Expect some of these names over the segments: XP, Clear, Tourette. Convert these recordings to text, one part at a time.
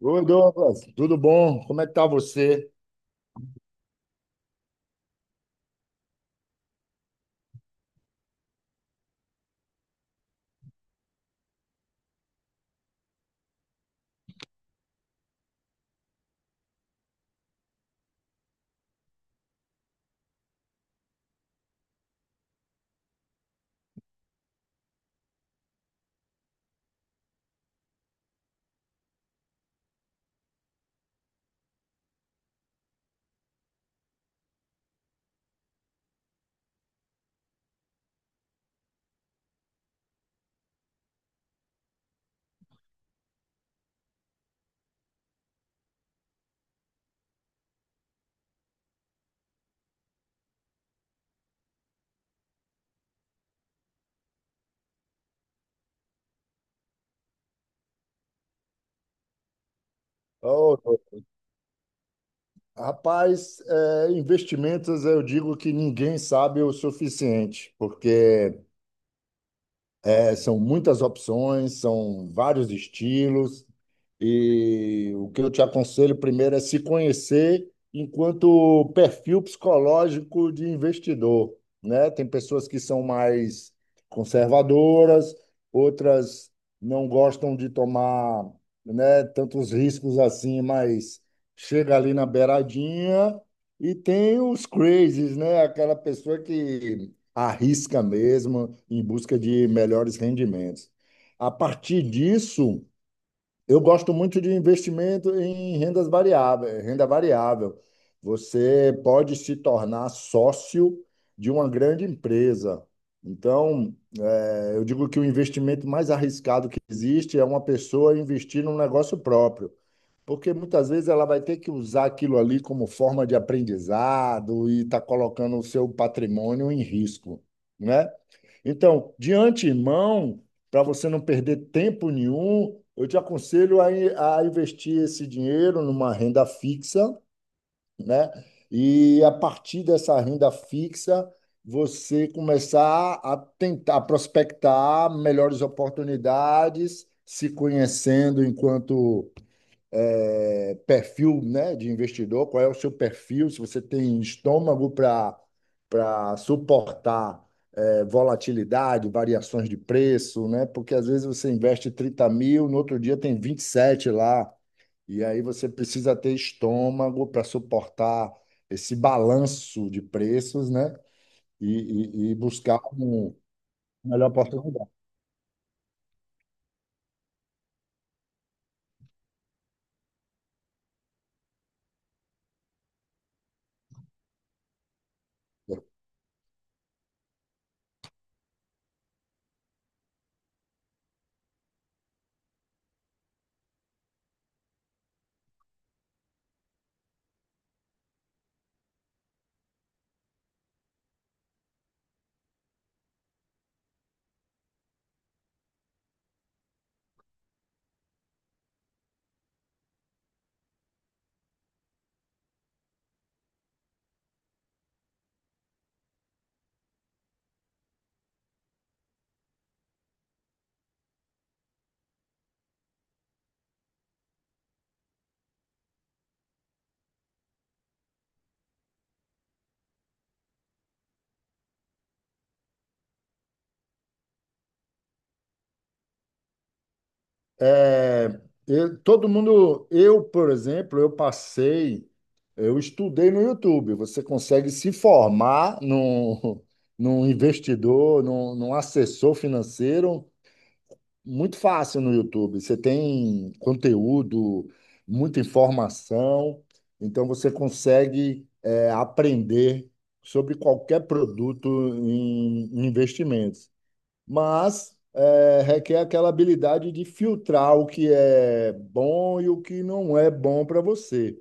Oi, Douglas, tudo bom? Como é que tá você? Ô, rapaz, investimentos eu digo que ninguém sabe o suficiente, porque são muitas opções, são vários estilos, e o que eu te aconselho primeiro é se conhecer enquanto perfil psicológico de investidor, né? Tem pessoas que são mais conservadoras, outras não gostam de tomar, né, tantos riscos assim, mas chega ali na beiradinha e tem os crazies, né? Aquela pessoa que arrisca mesmo em busca de melhores rendimentos. A partir disso, eu gosto muito de investimento em rendas variáveis, renda variável. Você pode se tornar sócio de uma grande empresa. Então, eu digo que o investimento mais arriscado que existe é uma pessoa investir num negócio próprio. Porque muitas vezes ela vai ter que usar aquilo ali como forma de aprendizado e está colocando o seu patrimônio em risco, né? Então, de antemão, para você não perder tempo nenhum, eu te aconselho a investir esse dinheiro numa renda fixa, né? E a partir dessa renda fixa, você começar a tentar prospectar melhores oportunidades, se conhecendo enquanto perfil, né, de investidor, qual é o seu perfil, se você tem estômago para suportar volatilidade, variações de preço, né? Porque às vezes você investe 30.000, no outro dia tem 27 lá, e aí você precisa ter estômago para suportar esse balanço de preços, né? E, e buscar um melhor oportunidade. É, todo mundo, eu, por exemplo, eu passei, eu estudei no YouTube. Você consegue se formar num, num investidor, num assessor financeiro muito fácil no YouTube. Você tem conteúdo, muita informação, então você consegue, aprender sobre qualquer produto em investimentos, mas requer aquela habilidade de filtrar o que é bom e o que não é bom para você.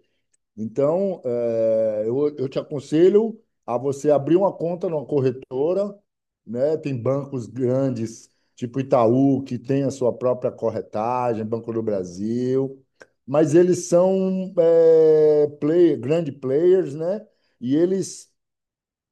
Então, eu te aconselho a você abrir uma conta numa corretora, né? Tem bancos grandes, tipo Itaú, que tem a sua própria corretagem, Banco do Brasil, mas eles são grande players, né? E eles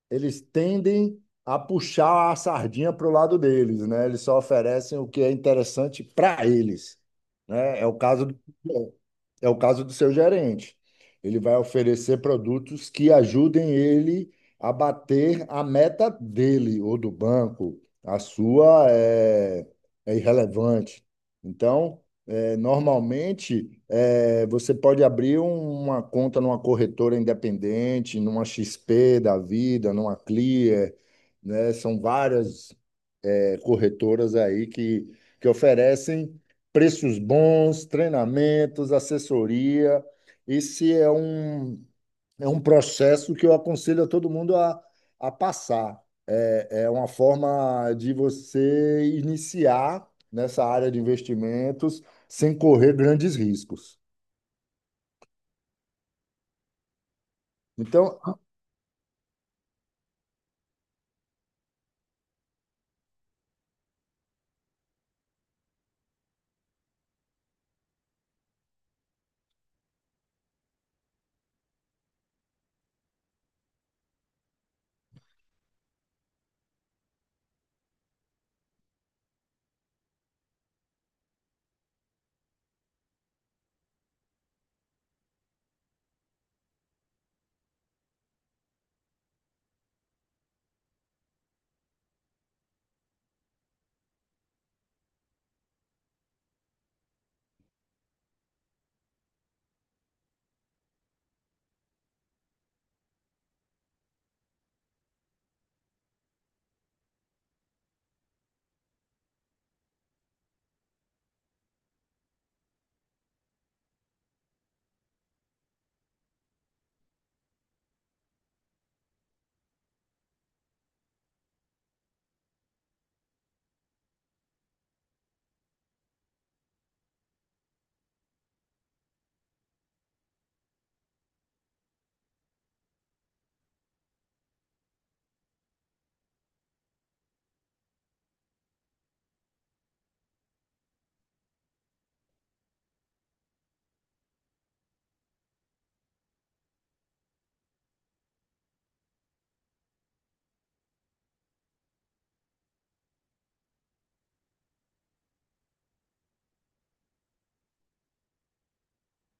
eles tendem a puxar a sardinha para o lado deles, né? Eles só oferecem o que é interessante para eles, né? É o caso do seu gerente. Ele vai oferecer produtos que ajudem ele a bater a meta dele ou do banco. A sua é irrelevante. Então, normalmente, você pode abrir uma conta numa corretora independente, numa XP da vida, numa Clear, né? São várias, corretoras aí que oferecem preços bons, treinamentos, assessoria. Esse é um processo que eu aconselho a todo mundo a passar. É uma forma de você iniciar nessa área de investimentos sem correr grandes riscos. Então,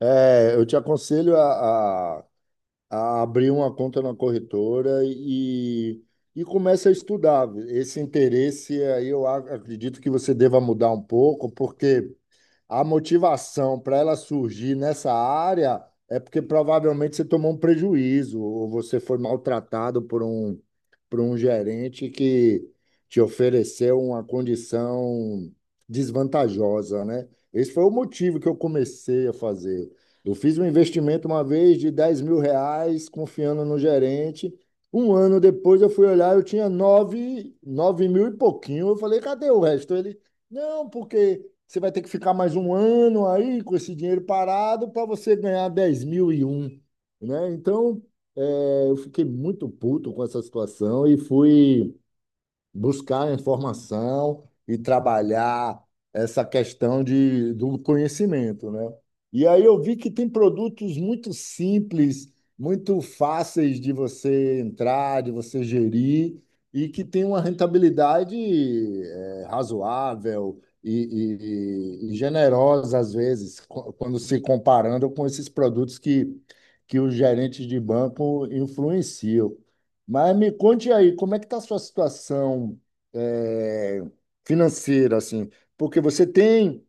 eu te aconselho a abrir uma conta na corretora e comece a estudar. Esse interesse aí eu acredito que você deva mudar um pouco, porque a motivação para ela surgir nessa área é porque provavelmente você tomou um prejuízo ou você foi maltratado por um gerente que te ofereceu uma condição desvantajosa, né? Esse foi o motivo que eu comecei a fazer. Eu fiz um investimento uma vez de R$ 10.000, confiando no gerente. Um ano depois eu fui olhar, eu tinha nove mil e pouquinho. Eu falei, cadê o resto? Ele, não, porque você vai ter que ficar mais um ano aí com esse dinheiro parado para você ganhar 10.001, né? Então, eu fiquei muito puto com essa situação e fui buscar informação e trabalhar essa questão do conhecimento, né? E aí eu vi que tem produtos muito simples, muito fáceis de você entrar, de você gerir e que tem uma rentabilidade razoável e generosa às vezes, quando se comparando com esses produtos que os gerentes de banco influenciam. Mas me conte aí, como é que está a sua situação eh, financeira, assim? Porque você tem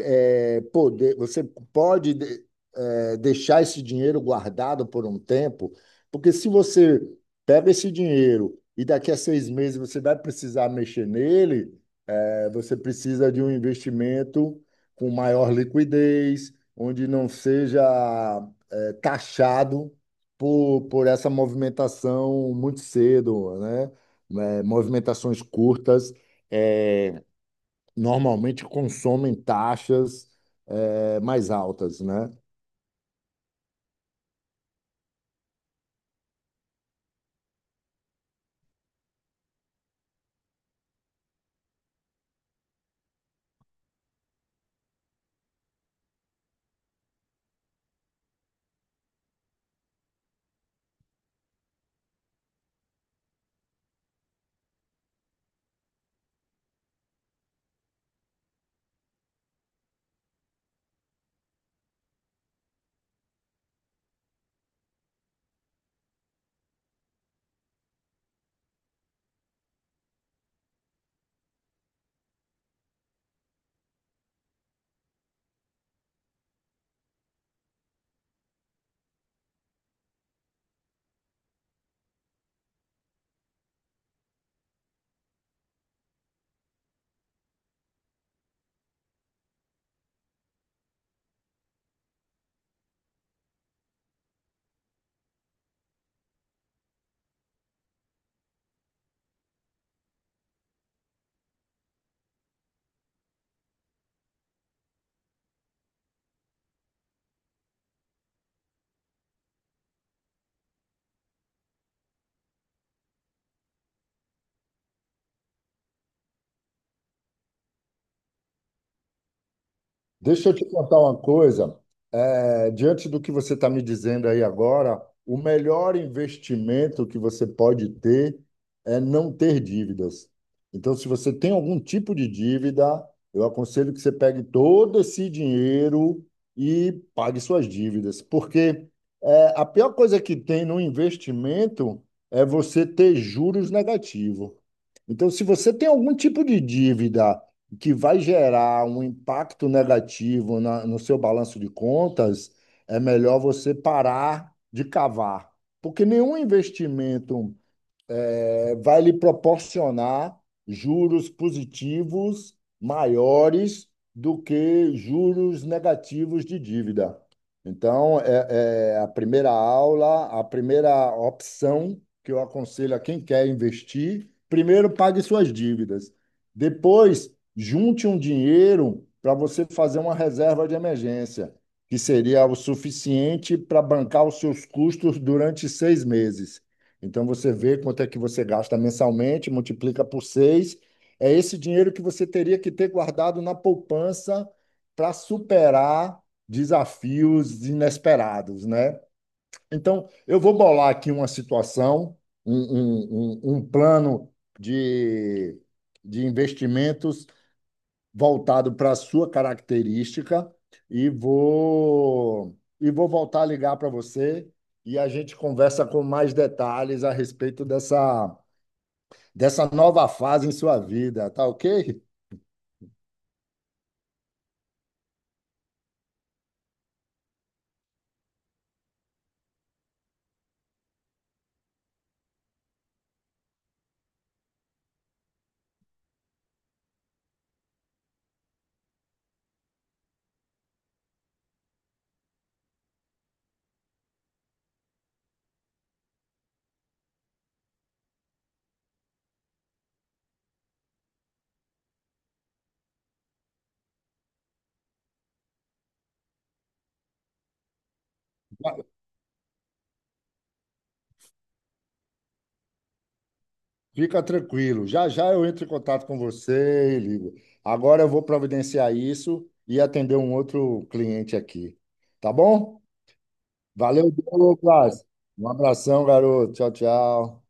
poder, você pode deixar esse dinheiro guardado por um tempo, porque se você pega esse dinheiro e daqui a 6 meses você vai precisar mexer nele, é, você precisa de um investimento com maior liquidez, onde não seja taxado por essa movimentação muito cedo, né? Né, movimentações curtas eh, normalmente consomem taxas mais altas, né? Deixa eu te contar uma coisa. Diante do que você está me dizendo aí agora, o melhor investimento que você pode ter é não ter dívidas. Então, se você tem algum tipo de dívida, eu aconselho que você pegue todo esse dinheiro e pague suas dívidas, porque a pior coisa que tem no investimento é você ter juros negativos. Então, se você tem algum tipo de dívida que vai gerar um impacto negativo no seu balanço de contas, é melhor você parar de cavar. Porque nenhum investimento vai lhe proporcionar juros positivos maiores do que juros negativos de dívida. Então, é a primeira aula, a primeira opção que eu aconselho a quem quer investir, primeiro pague suas dívidas. Depois, junte um dinheiro para você fazer uma reserva de emergência, que seria o suficiente para bancar os seus custos durante 6 meses. Então você vê quanto é que você gasta mensalmente, multiplica por seis. É esse dinheiro que você teria que ter guardado na poupança para superar desafios inesperados, né? Então, eu vou bolar aqui uma situação, um, um plano de, de investimentos voltado para a sua característica e vou voltar a ligar para você e a gente conversa com mais detalhes a respeito dessa nova fase em sua vida, tá ok? Fica tranquilo. Já já eu entro em contato com você e ligo. Agora eu vou providenciar isso e atender um outro cliente aqui. Tá bom? Valeu, Douglas. Um abração, garoto. Tchau, tchau.